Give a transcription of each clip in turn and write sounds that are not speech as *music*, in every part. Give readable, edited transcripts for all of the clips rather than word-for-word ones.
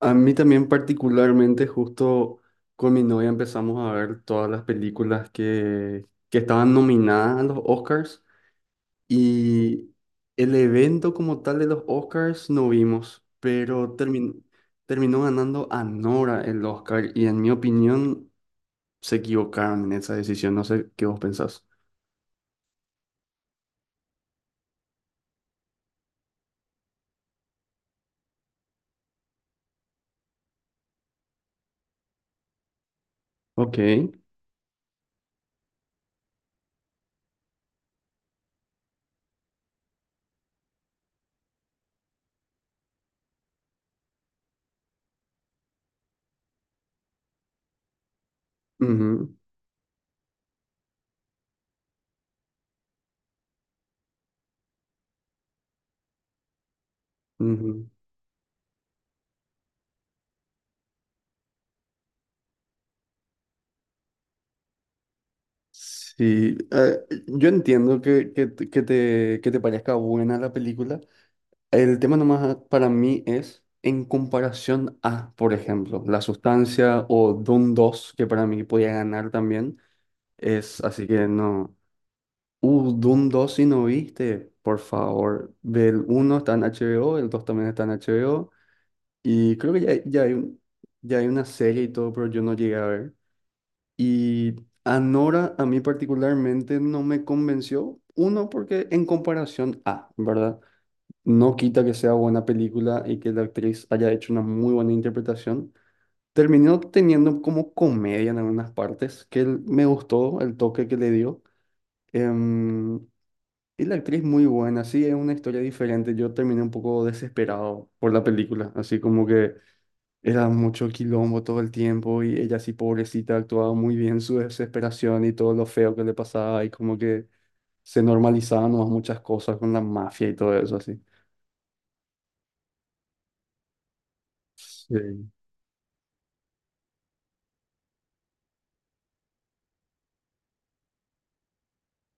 A mí también particularmente, justo con mi novia empezamos a ver todas las películas que estaban nominadas a los Oscars y el evento como tal de los Oscars no vimos, pero terminó ganando Anora el Oscar y en mi opinión se equivocaron en esa decisión, no sé qué vos pensás. Ok. Ujú, ujú. Sí, yo entiendo que te parezca buena la película. El tema nomás para mí es en comparación a, por ejemplo, La Sustancia o Doom 2, que para mí podía ganar también. Es así que no. Doom 2 si no viste, por favor. Ve el 1, está en HBO, el 2 también está en HBO. Y creo que ya hay una serie y todo, pero yo no llegué a ver. Y Anora a mí particularmente no me convenció. Uno, porque en comparación a, ¿verdad? No quita que sea buena película y que la actriz haya hecho una muy buena interpretación. Terminó teniendo como comedia en algunas partes, me gustó el toque que le dio. Em, y la actriz muy buena, sí, es una historia diferente. Yo terminé un poco desesperado por la película, así como que era mucho quilombo todo el tiempo y ella así pobrecita actuaba muy bien su desesperación y todo lo feo que le pasaba y como que se normalizaban nomás muchas cosas con la mafia y todo eso así. Sí.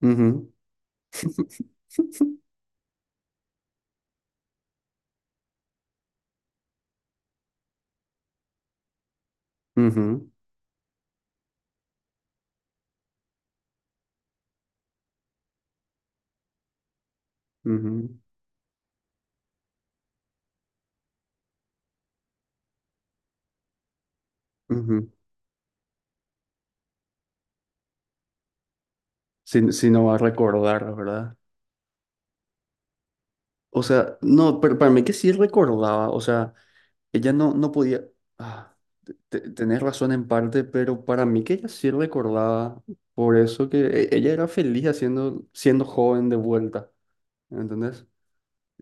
Ujú. Ujú, ujú, ujú. Si no va a recordar, ¿verdad? O sea, no, pero para mí que sí recordaba, o sea, ella no, no podía, ah, tenés razón en parte, pero para mí que ella sí recordaba, por eso que ella era feliz haciendo, siendo joven de vuelta, ¿entendés?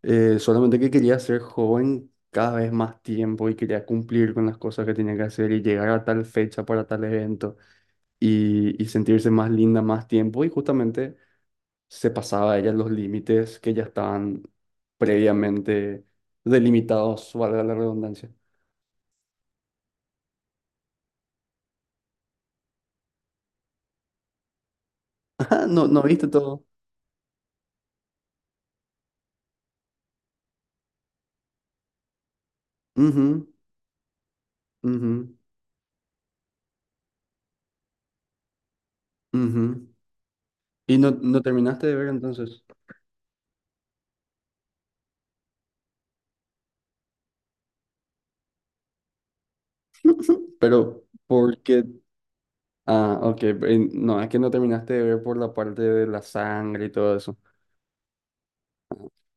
Solamente que quería ser joven cada vez más tiempo y quería cumplir con las cosas que tenía que hacer y llegar a tal fecha para tal evento y sentirse más linda más tiempo y justamente se pasaba ella los límites que ya estaban previamente delimitados, valga la redundancia. *laughs* Ajá, no, no viste todo. Ujú, ujú, ujú. Y no, no terminaste de ver entonces. *laughs* Pero, ¿por qué? Ah, ok. No, es que no terminaste de ver por la parte de la sangre y todo eso.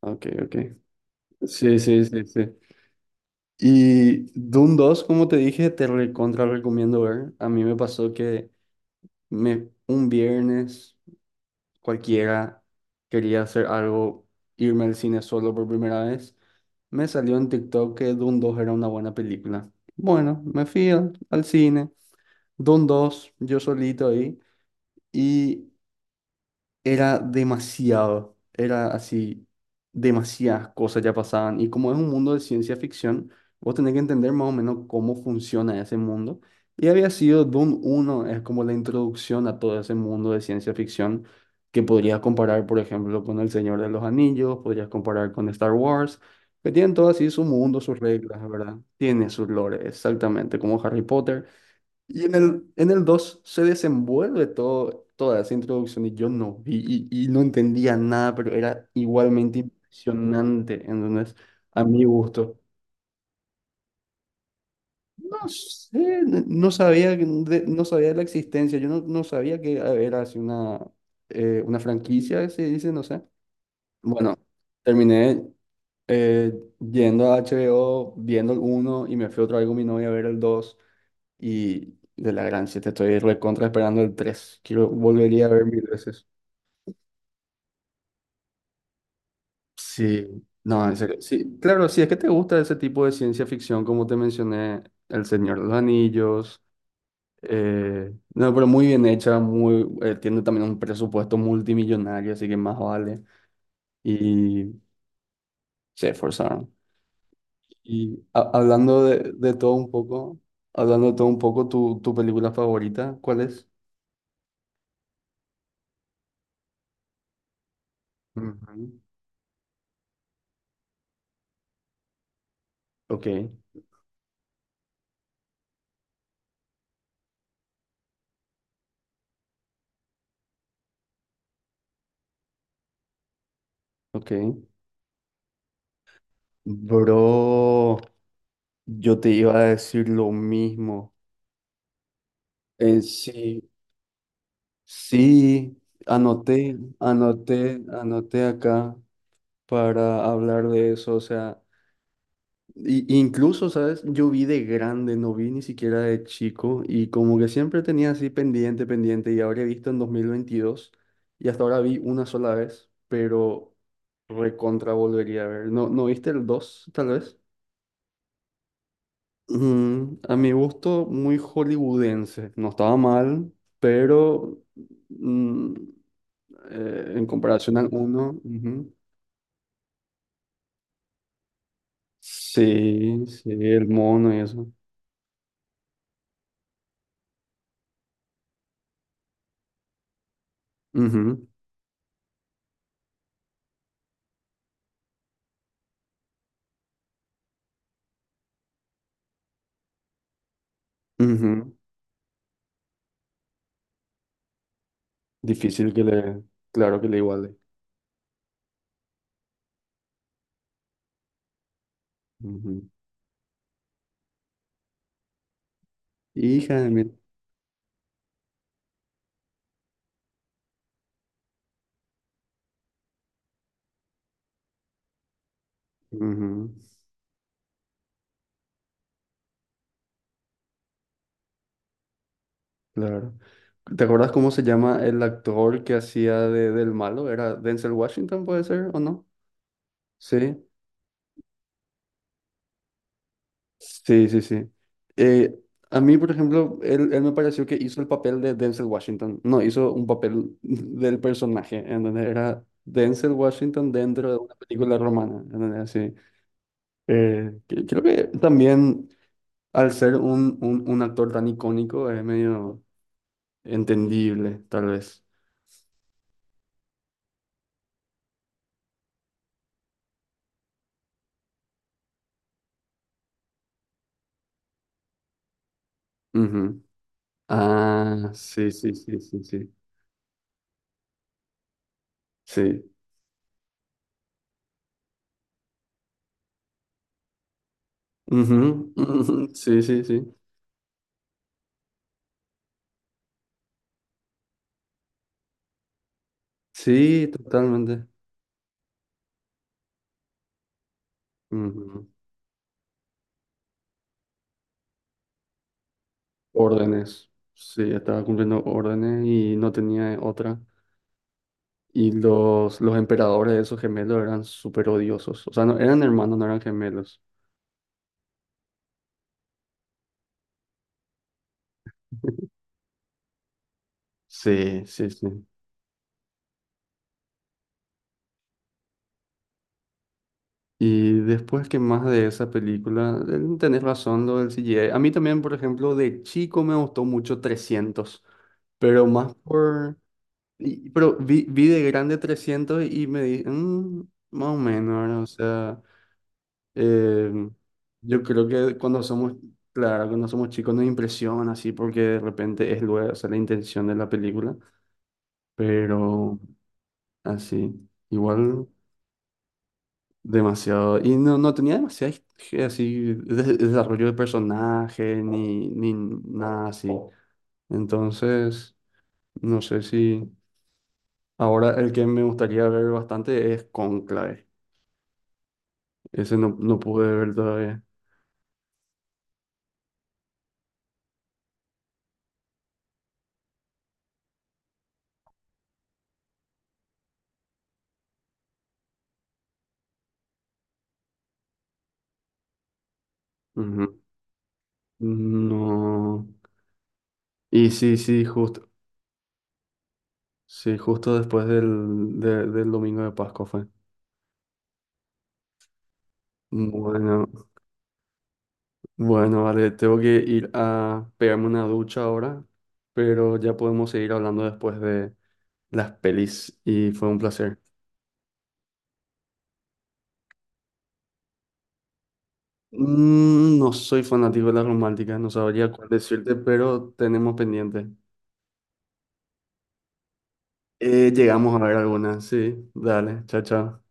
Ah, ok, ok. Sí, sí, sí, sí. Y Doom dos, como te dije, te recontra recomiendo ver. A mí me pasó que un viernes cualquiera, quería hacer algo, irme al cine solo por primera vez, me salió en TikTok que Dune 2 era una buena película. Bueno, me fui al cine, Dune 2, yo solito ahí, y era demasiado, era así, demasiadas cosas ya pasaban. Y como es un mundo de ciencia ficción, vos tenés que entender más o menos cómo funciona ese mundo. Y había sido Doom uno es como la introducción a todo ese mundo de ciencia ficción, que podrías comparar, por ejemplo, con El Señor de los Anillos, podrías comparar con Star Wars, que tienen todo así su mundo, sus reglas, ¿verdad? Tiene sus lores, exactamente, como Harry Potter. Y en el 2 se desenvuelve todo, toda esa introducción, y yo no vi y no entendía nada, pero era igualmente impresionante, entonces, a mi gusto. No sé, no sabía de la existencia, yo no sabía que era así una franquicia, se dice, no sé. Bueno, terminé eh, yendo a HBO, viendo el uno y me fui otra vez con mi novia a ver el dos. Y de la gran siete estoy recontra esperando el tres. Quiero, volvería a ver mil veces. Sí, no, en serio. Sí, claro, si es que te gusta ese tipo de ciencia ficción, como te mencioné, El Señor de los Anillos. No, pero muy bien hecha, muy, tiene también un presupuesto multimillonario, así que más vale. Y se esforzaron. Y hablando de todo un poco, tu película favorita, ¿cuál es? Ujú. Ok, ok. Bro, yo te iba a decir lo mismo. En sí, sí, anoté, anoté, anoté acá para hablar de eso. O sea, y incluso, ¿sabes? Yo vi de grande, no vi ni siquiera de chico y como que siempre tenía así pendiente, pendiente y habré visto en 2022 y hasta ahora vi una sola vez, pero recontra volvería a ver. ¿No, no viste el 2, tal vez? A mi gusto, muy hollywoodense. No estaba mal, pero mm, en comparación al uno, ujú. Sí, sí, el mono y eso. Ujú, ujú. Difícil que le, claro que le iguale. Ujú. Hija de mil. Ujú, claro. ¿Te acuerdas cómo se llama el actor que hacía del malo? ¿Era Denzel Washington, puede ser, o no? Sí. Sí, sí, sí. Eh, a mí, por ejemplo, él me pareció que hizo el papel de Denzel Washington. No, hizo un papel *laughs* del personaje, en donde era Denzel Washington dentro de una película romana, en donde así. Creo que también al ser un actor tan icónico es medio entendible, tal vez. Ujú. Ah, sí, sí, sí, sí, sí. Sí. Ujú, *laughs* ujú. Sí, sí, sí. Sí, totalmente. Órdenes. Sí, estaba cumpliendo órdenes y no tenía otra. Y los emperadores de esos gemelos eran súper odiosos. O sea, no, eran hermanos, no eran gemelos. Sí, sí, sí. Y después, que más de esa película, tenés razón lo del CGI. A mí también, por ejemplo, de chico me gustó mucho 300, pero más por... pero vi de grande 300 y me dije, más o menos, ¿verdad? O sea, Eh, yo creo que cuando somos, claro, cuando somos chicos nos impresiona así porque de repente es luego, o sea, la intención de la película, pero así, igual demasiado. Y no tenía demasiado así desarrollo de personaje ni nada así. Entonces, no sé si ahora el que me gustaría ver bastante es Conclave. Ese no pude ver todavía. Ujú. No. Y sí, sí, justo después del, del domingo de Pascua fue. Bueno, bueno, vale, tengo que ir a pegarme una ducha ahora, pero ya podemos seguir hablando después de las pelis y fue un placer. No soy fanático de las románticas, no sabría cuál decirte, pero tenemos pendiente. Llegamos a ver algunas, sí. Dale, chao, chao.